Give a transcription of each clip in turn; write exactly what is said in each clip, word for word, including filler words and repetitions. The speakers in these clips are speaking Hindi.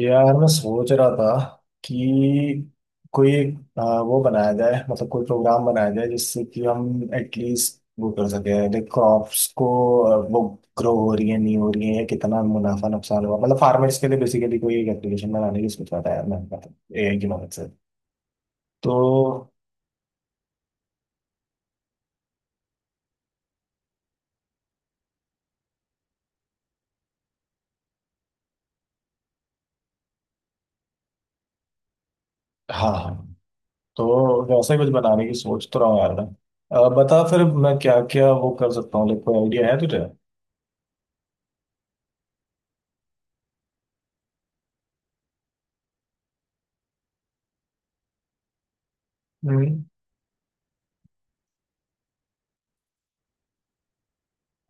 यार मैं सोच रहा था कि कोई एक, आ, वो बनाया जाए मतलब कोई प्रोग्राम बनाया जाए जिससे कि हम एटलीस्ट वो कर सके लाइक क्रॉप्स को आ, वो ग्रो हो रही है नहीं हो रही है या कितना मुनाफा नुकसान हुआ मतलब फार्मर्स के लिए बेसिकली कोई एक एप्लीकेशन बनाने की सोच रहा था यार मैं मतलब एआई की मदद से। तो हाँ हाँ, तो वैसा ही कुछ बनाने की सोच तो रहा हूँ यार मैं। आ, बता फिर मैं क्या क्या वो कर सकता हूँ, लाइक कोई आइडिया है तुझे। हम्म।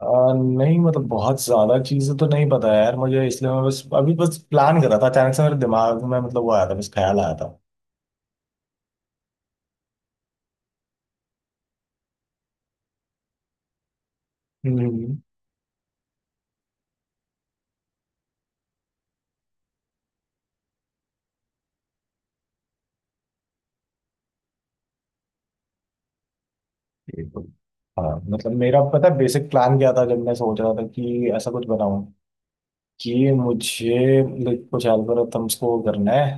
आ, नहीं मतलब बहुत ज्यादा चीजें तो नहीं पता यार मुझे, इसलिए मैं बस अभी बस प्लान कर रहा था। अचानक से मेरे दिमाग में मतलब वो आया था, बस ख्याल आया था। हम्म। ये तो हाँ, मतलब मेरा पता है बेसिक प्लान क्या था जब मैं सोच रहा था कि ऐसा कुछ बनाऊं, कि मुझे like, कुछ एल्गोरिथम्स को करना है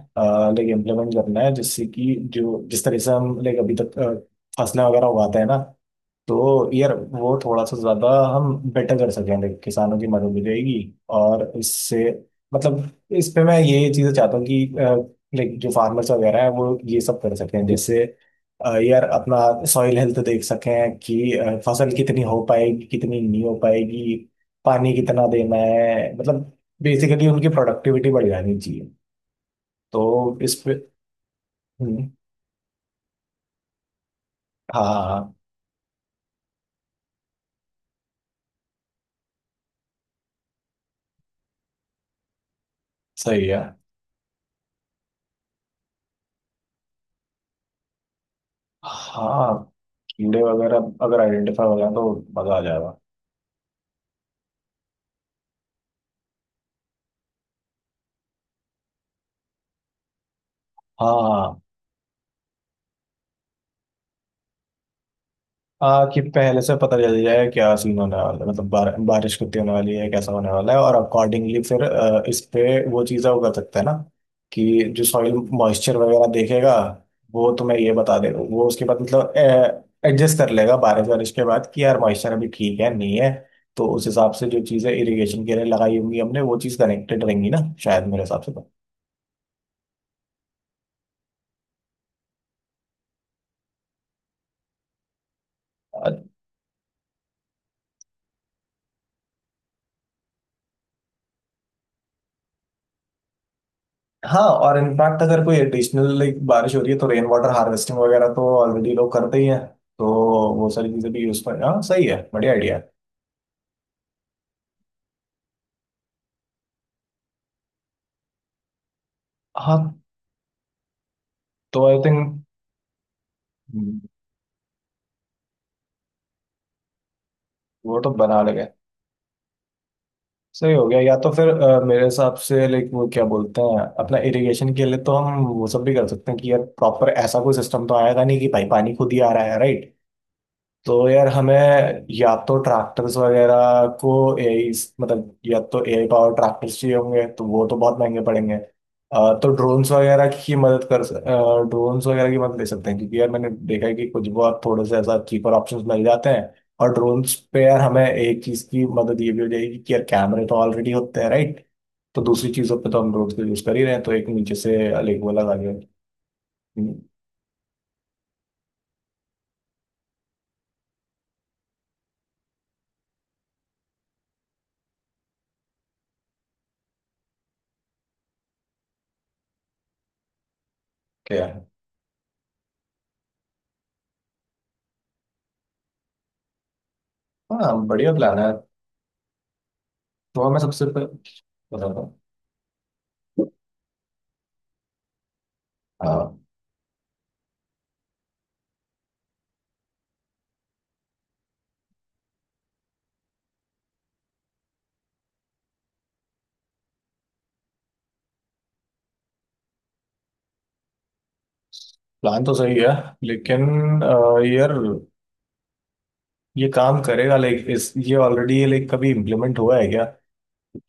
लाइक इम्प्लीमेंट करना है, जिससे कि जो जिस तरह से हम लाइक अभी तक अ, फसलें वगैरह उगाते हैं ना, तो यार वो थोड़ा सा ज्यादा हम बेटर कर सकें। देख, किसानों की मदद मिलेगी और इससे मतलब इस पे मैं ये चीजें चाहता हूँ कि लाइक जो फार्मर्स वगैरह है वो ये सब कर सकें। जैसे अ, यार अपना सॉइल हेल्थ देख सकें कि अ, फसल कितनी हो पाएगी कितनी नहीं हो पाएगी, पानी कितना देना है मतलब बेसिकली उनकी प्रोडक्टिविटी बढ़ जानी चाहिए। तो इस पे हम्म, हाँ हाँ, हाँ, सही है। हाँ, कीड़े वगैरह अगर आइडेंटिफाई हो जाए तो मजा आ जाएगा। हाँ हाँ, आ, कि पहले से पता चल जाए क्या सीन होने वाला है, मतलब बार, बारिश कितनी होने वाली है, कैसा होने वाला है, और अकॉर्डिंगली फिर अ, इस पे वो चीज़ें वो कर सकते हैं ना, कि जो सॉइल मॉइस्चर वगैरह देखेगा वो तुम्हें ये बता देगा। वो उसके बाद मतलब एडजस्ट कर लेगा बारिश वारिश के बाद कि यार मॉइस्चर अभी ठीक है नहीं है। तो उस हिसाब से जो चीज़ें इरिगेशन के लिए लगाई होंगी हमने, वो चीज़ कनेक्टेड रहेंगी ना, शायद मेरे हिसाब से। तो हाँ, और इनफैक्ट अगर कोई एडिशनल लाइक बारिश हो रही है तो रेन वाटर हार्वेस्टिंग वगैरह तो ऑलरेडी लोग करते ही हैं। तो वो सारी चीजें भी यूज पर, हाँ सही है, बढ़िया आइडिया है। हाँ तो आई थिंक वो तो बना लगे सही हो गया, या तो फिर अ, मेरे हिसाब से लाइक वो क्या बोलते हैं अपना इरिगेशन के लिए, तो हम वो सब भी कर सकते हैं कि यार प्रॉपर ऐसा कोई सिस्टम तो आएगा नहीं कि भाई पानी खुद ही आ रहा है, राइट। तो यार हमें या तो ट्रैक्टर्स वगैरह को एआई, मतलब या तो एआई पावर ट्रैक्टर्स चाहिए होंगे तो वो तो बहुत महंगे पड़ेंगे। अ, तो ड्रोन्स वगैरह की मदद कर ड्रोन्स वगैरह की मदद ले सकते हैं, क्योंकि यार मैंने देखा है कि कुछ बहुत थोड़े से ऐसा चीपर ऑप्शंस मिल जाते हैं। और ड्रोन्स पे यार हमें एक चीज़ की मदद ये भी हो जाएगी कि यार कैमरे तो ऑलरेडी होते हैं, राइट। तो दूसरी चीज़ों पे तो हम ड्रोन्स का यूज़ कर ही रहे हैं, तो एक नीचे से अलग वो लगा लिया। हम्म, क्या है, हाँ बढ़िया प्लान है। तो हमें सबसे पहले बताता हूँ। प्लान तो सही है, लेकिन अ, यार ये काम करेगा लाइक इस ये ऑलरेडी ये लाइक कभी इम्प्लीमेंट हुआ है क्या,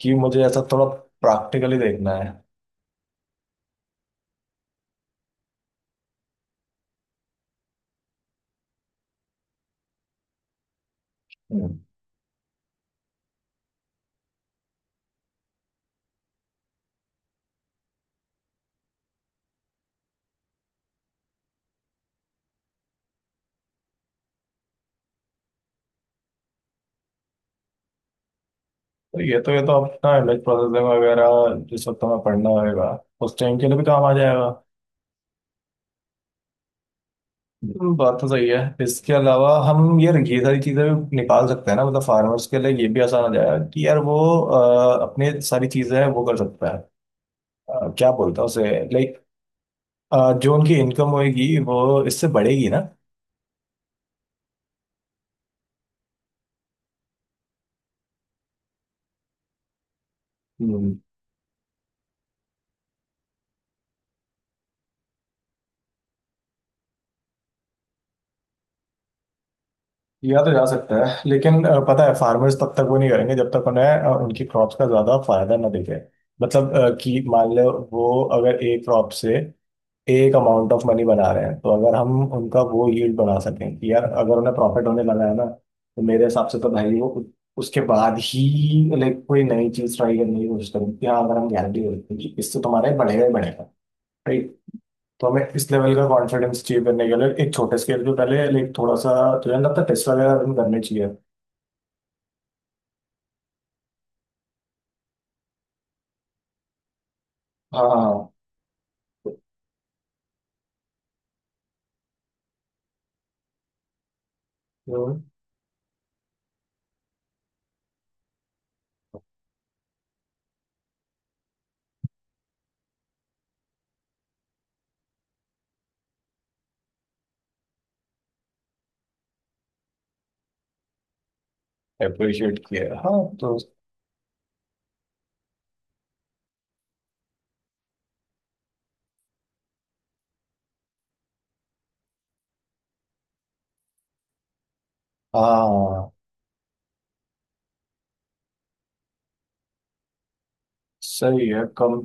कि मुझे ऐसा थोड़ा प्रैक्टिकली देखना है। हम्म। तो ये तो ये तो अपना इमेज प्रोसेसिंग वगैरह जिस वक्त हमें पढ़ना होगा उस टाइम के लिए भी काम आ जाएगा। हम्म, बात तो सही है। इसके अलावा हम यार ये सारी चीज़ें भी निकाल सकते हैं ना, मतलब फार्मर्स के लिए ये भी आसान हो जाएगा कि यार वो अ, अपने सारी चीज़ें वो कर सकता है। अ, क्या बोलता है उसे, लाइक जो उनकी इनकम होगी वो इससे बढ़ेगी ना। हम्म, किया तो जा सकता है लेकिन अ, पता है फार्मर्स तब तक वो नहीं करेंगे जब तक उन्हें अ, उनकी क्रॉप्स का ज्यादा फायदा ना दिखे। मतलब अ, कि मान लो वो अगर एक क्रॉप से एक अमाउंट ऑफ मनी बना रहे हैं, तो अगर हम उनका वो यील्ड बना सकें कि यार अगर उन्हें प्रॉफिट होने लगा है ना, तो मेरे हिसाब से तो भाई वो उ- उसके बाद ही लाइक कोई नई चीज ट्राई करने की कोशिश करें। कि हाँ, अगर हम गारंटी दे सकते हैं कि इससे तुम्हारे बढ़ेगा ही बढ़ेगा, right? तो हमें इस लेवल का कॉन्फिडेंस चाहिए, करने के लिए एक छोटे स्केल पे पहले लाइक थोड़ा सा, तुझे नहीं लगता टेस्ट वगैरह रन करने चाहिए। हाँ हाँ, अप्रिशिएट किया, हाँ तो हाँ सही है कम।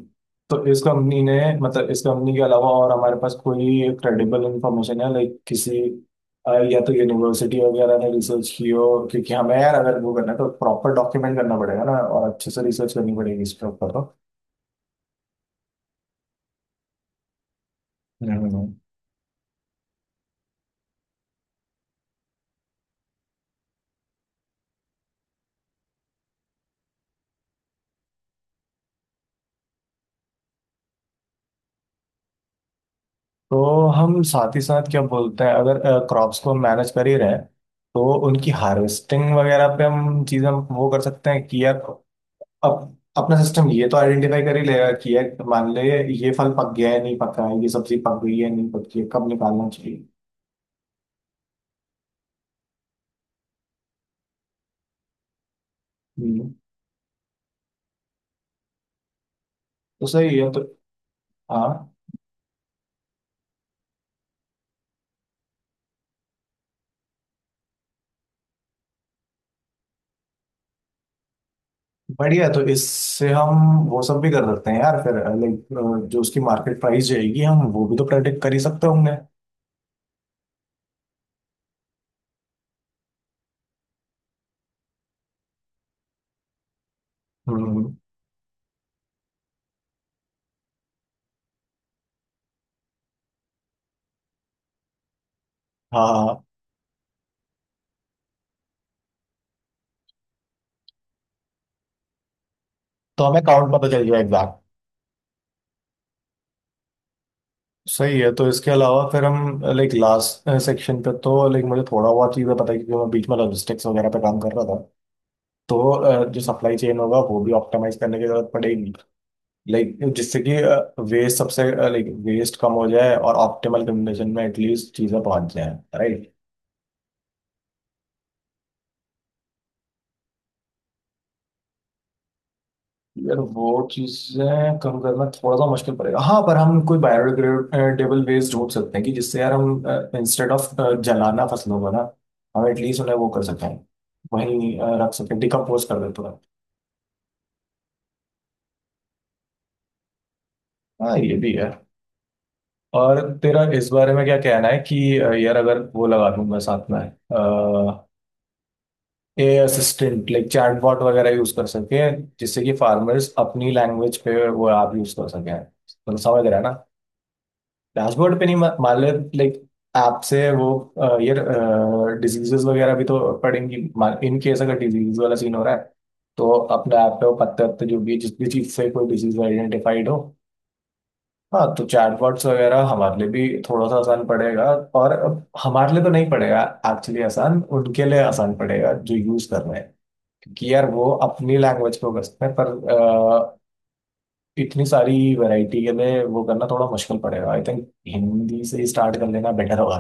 तो इस कंपनी ने, मतलब इस कंपनी के अलावा और हमारे पास कोई क्रेडिबल इंफॉर्मेशन है लाइक किसी अ, या तो यूनिवर्सिटी वगैरह ने रिसर्च की हो, क्योंकि हमें यार अगर वो करना है तो प्रॉपर डॉक्यूमेंट करना पड़ेगा ना, और अच्छे से रिसर्च करनी पड़ेगी इस पर। तो तो हम साथ ही साथ क्या बोलते हैं, अगर क्रॉप्स को मैनेज कर ही रहे हैं, तो उनकी हार्वेस्टिंग वगैरह पे हम चीज़ें वो कर सकते हैं कि यार अब अपना सिस्टम ये तो आइडेंटिफाई कर ही लेगा कि यार मान ले ये फल पक गया है नहीं पका है, ये सब्जी पक गई है नहीं पकी है, कब निकालना चाहिए। हम्म, तो सही है। तो हाँ, बढ़िया है, तो इससे हम वो सब भी कर सकते हैं यार फिर, लाइक जो उसकी मार्केट प्राइस जाएगी हम वो भी तो प्रेडिक्ट कर ही सकते होंगे। हम्म, हाँ हाँ, तो हमें काउंट पता चल जाएगा। सही है। तो इसके अलावा फिर हम लाइक लास्ट सेक्शन पे तो लाइक मुझे थोड़ा बहुत चीज़ें पता है क्योंकि मैं बीच में लॉजिस्टिक्स वगैरह पे काम कर रहा था। तो अ, जो सप्लाई चेन होगा वो भी ऑप्टिमाइज करने की जरूरत पड़ेगी, लाइक जिससे कि वेस्ट सबसे लाइक वेस्ट कम हो जाए और ऑप्टिमल कंडीशन में एटलीस्ट चीज़ें पहुंच जाए। यार वो चीजें कम करना थोड़ा सा मुश्किल पड़ेगा, हाँ पर हम कोई बायोडिग्रेडेबल वेस्ट ढूंढ सकते हैं कि जिससे यार हम इंस्टेड ऑफ जलाना फसलों को ना, हम एटलीस्ट उन्हें वो कर सकें, वहीं अ, रख सकें, डिकम्पोज कर देते हैं। हाँ ये भी है। और तेरा इस बारे में क्या कहना है कि अ, यार अगर वो लगा दूंगा साथ में ए असिस्टेंट लाइक चैटबॉट वगैरह यूज कर सके, जिससे कि फार्मर्स अपनी लैंग्वेज पे वो ऐप यूज कर सकें, तुम समझ रहे हैं। डैशबोर्ड पे नहीं, मा- मान ले लाइक ऐप से वो अ, ये डिजीजेस वगैरह भी तो पड़ेंगी, इन केस अगर डिजीज वाला सीन हो रहा है, तो अपने ऐप पे वो पत्ते वत्ते जो भी जिस भी चीज से कोई डिजीज आइडेंटिफाइड हो। हाँ तो चैटबॉट्स वगैरह हमारे लिए भी थोड़ा सा आसान पड़ेगा। और अब हमारे लिए तो नहीं पड़ेगा, एक्चुअली आसान उनके लिए आसान पड़ेगा जो यूज कर रहे हैं, क्योंकि यार वो अपनी लैंग्वेज पे बसते हैं। पर इतनी सारी वैरायटी के लिए वो करना थोड़ा मुश्किल पड़ेगा, आई थिंक हिंदी से ही स्टार्ट कर लेना बेटर होगा।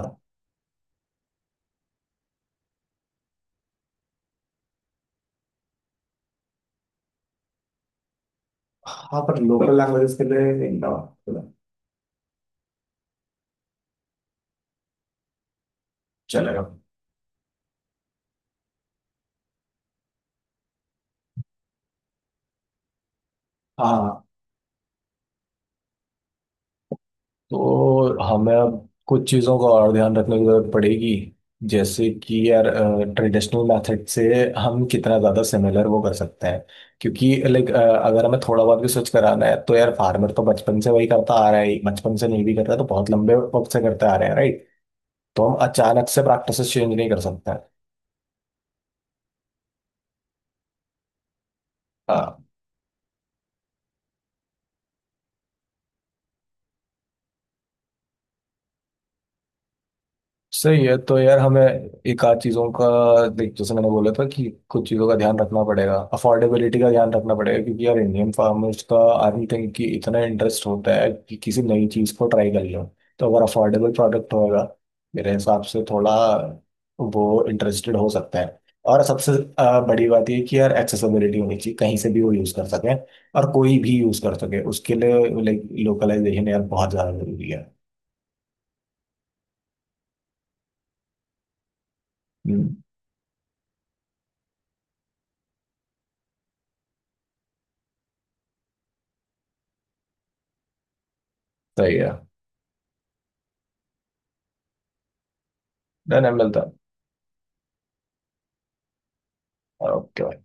हाँ, पर लोकल लैंग्वेजेस के लिए इनका चलेगा। हाँ तो हमें अब कुछ चीज़ों का और ध्यान रखने की जरूरत पड़ेगी, जैसे कि यार ट्रेडिशनल मेथड से हम कितना ज़्यादा सिमिलर वो कर सकते हैं, क्योंकि लाइक अगर हमें थोड़ा बहुत भी स्विच कराना है तो यार फार्मर तो बचपन से वही करता आ रहा है, बचपन से नहीं भी करता तो बहुत लंबे वक्त से करते आ रहे हैं, राइट। तो हम अचानक से प्रैक्टिसेस चेंज नहीं कर सकते। हाँ सही है। तो यार हमें एक आध चीज़ों का, देख जैसे मैंने बोला था कि कुछ चीज़ों का ध्यान रखना पड़ेगा, अफोर्डेबिलिटी का ध्यान रखना पड़ेगा, क्योंकि यार इंडियन फार्मर्स का आई डोंट थिंक कि इतना इंटरेस्ट होता है कि किसी नई चीज़ को ट्राई कर लो। तो अगर अफोर्डेबल प्रोडक्ट होगा मेरे हिसाब से थोड़ा वो इंटरेस्टेड हो सकता है। और सबसे अ, बड़ी बात ये कि यार एक्सेसिबिलिटी होनी चाहिए, कहीं से भी वो यूज़ कर सकें, और कोई भी यूज़ कर सके उसके लिए लाइक लोकलाइजेशन यार बहुत ज़्यादा जरूरी है। हम्म, सही है। डन है, मिलता है। ओह जी।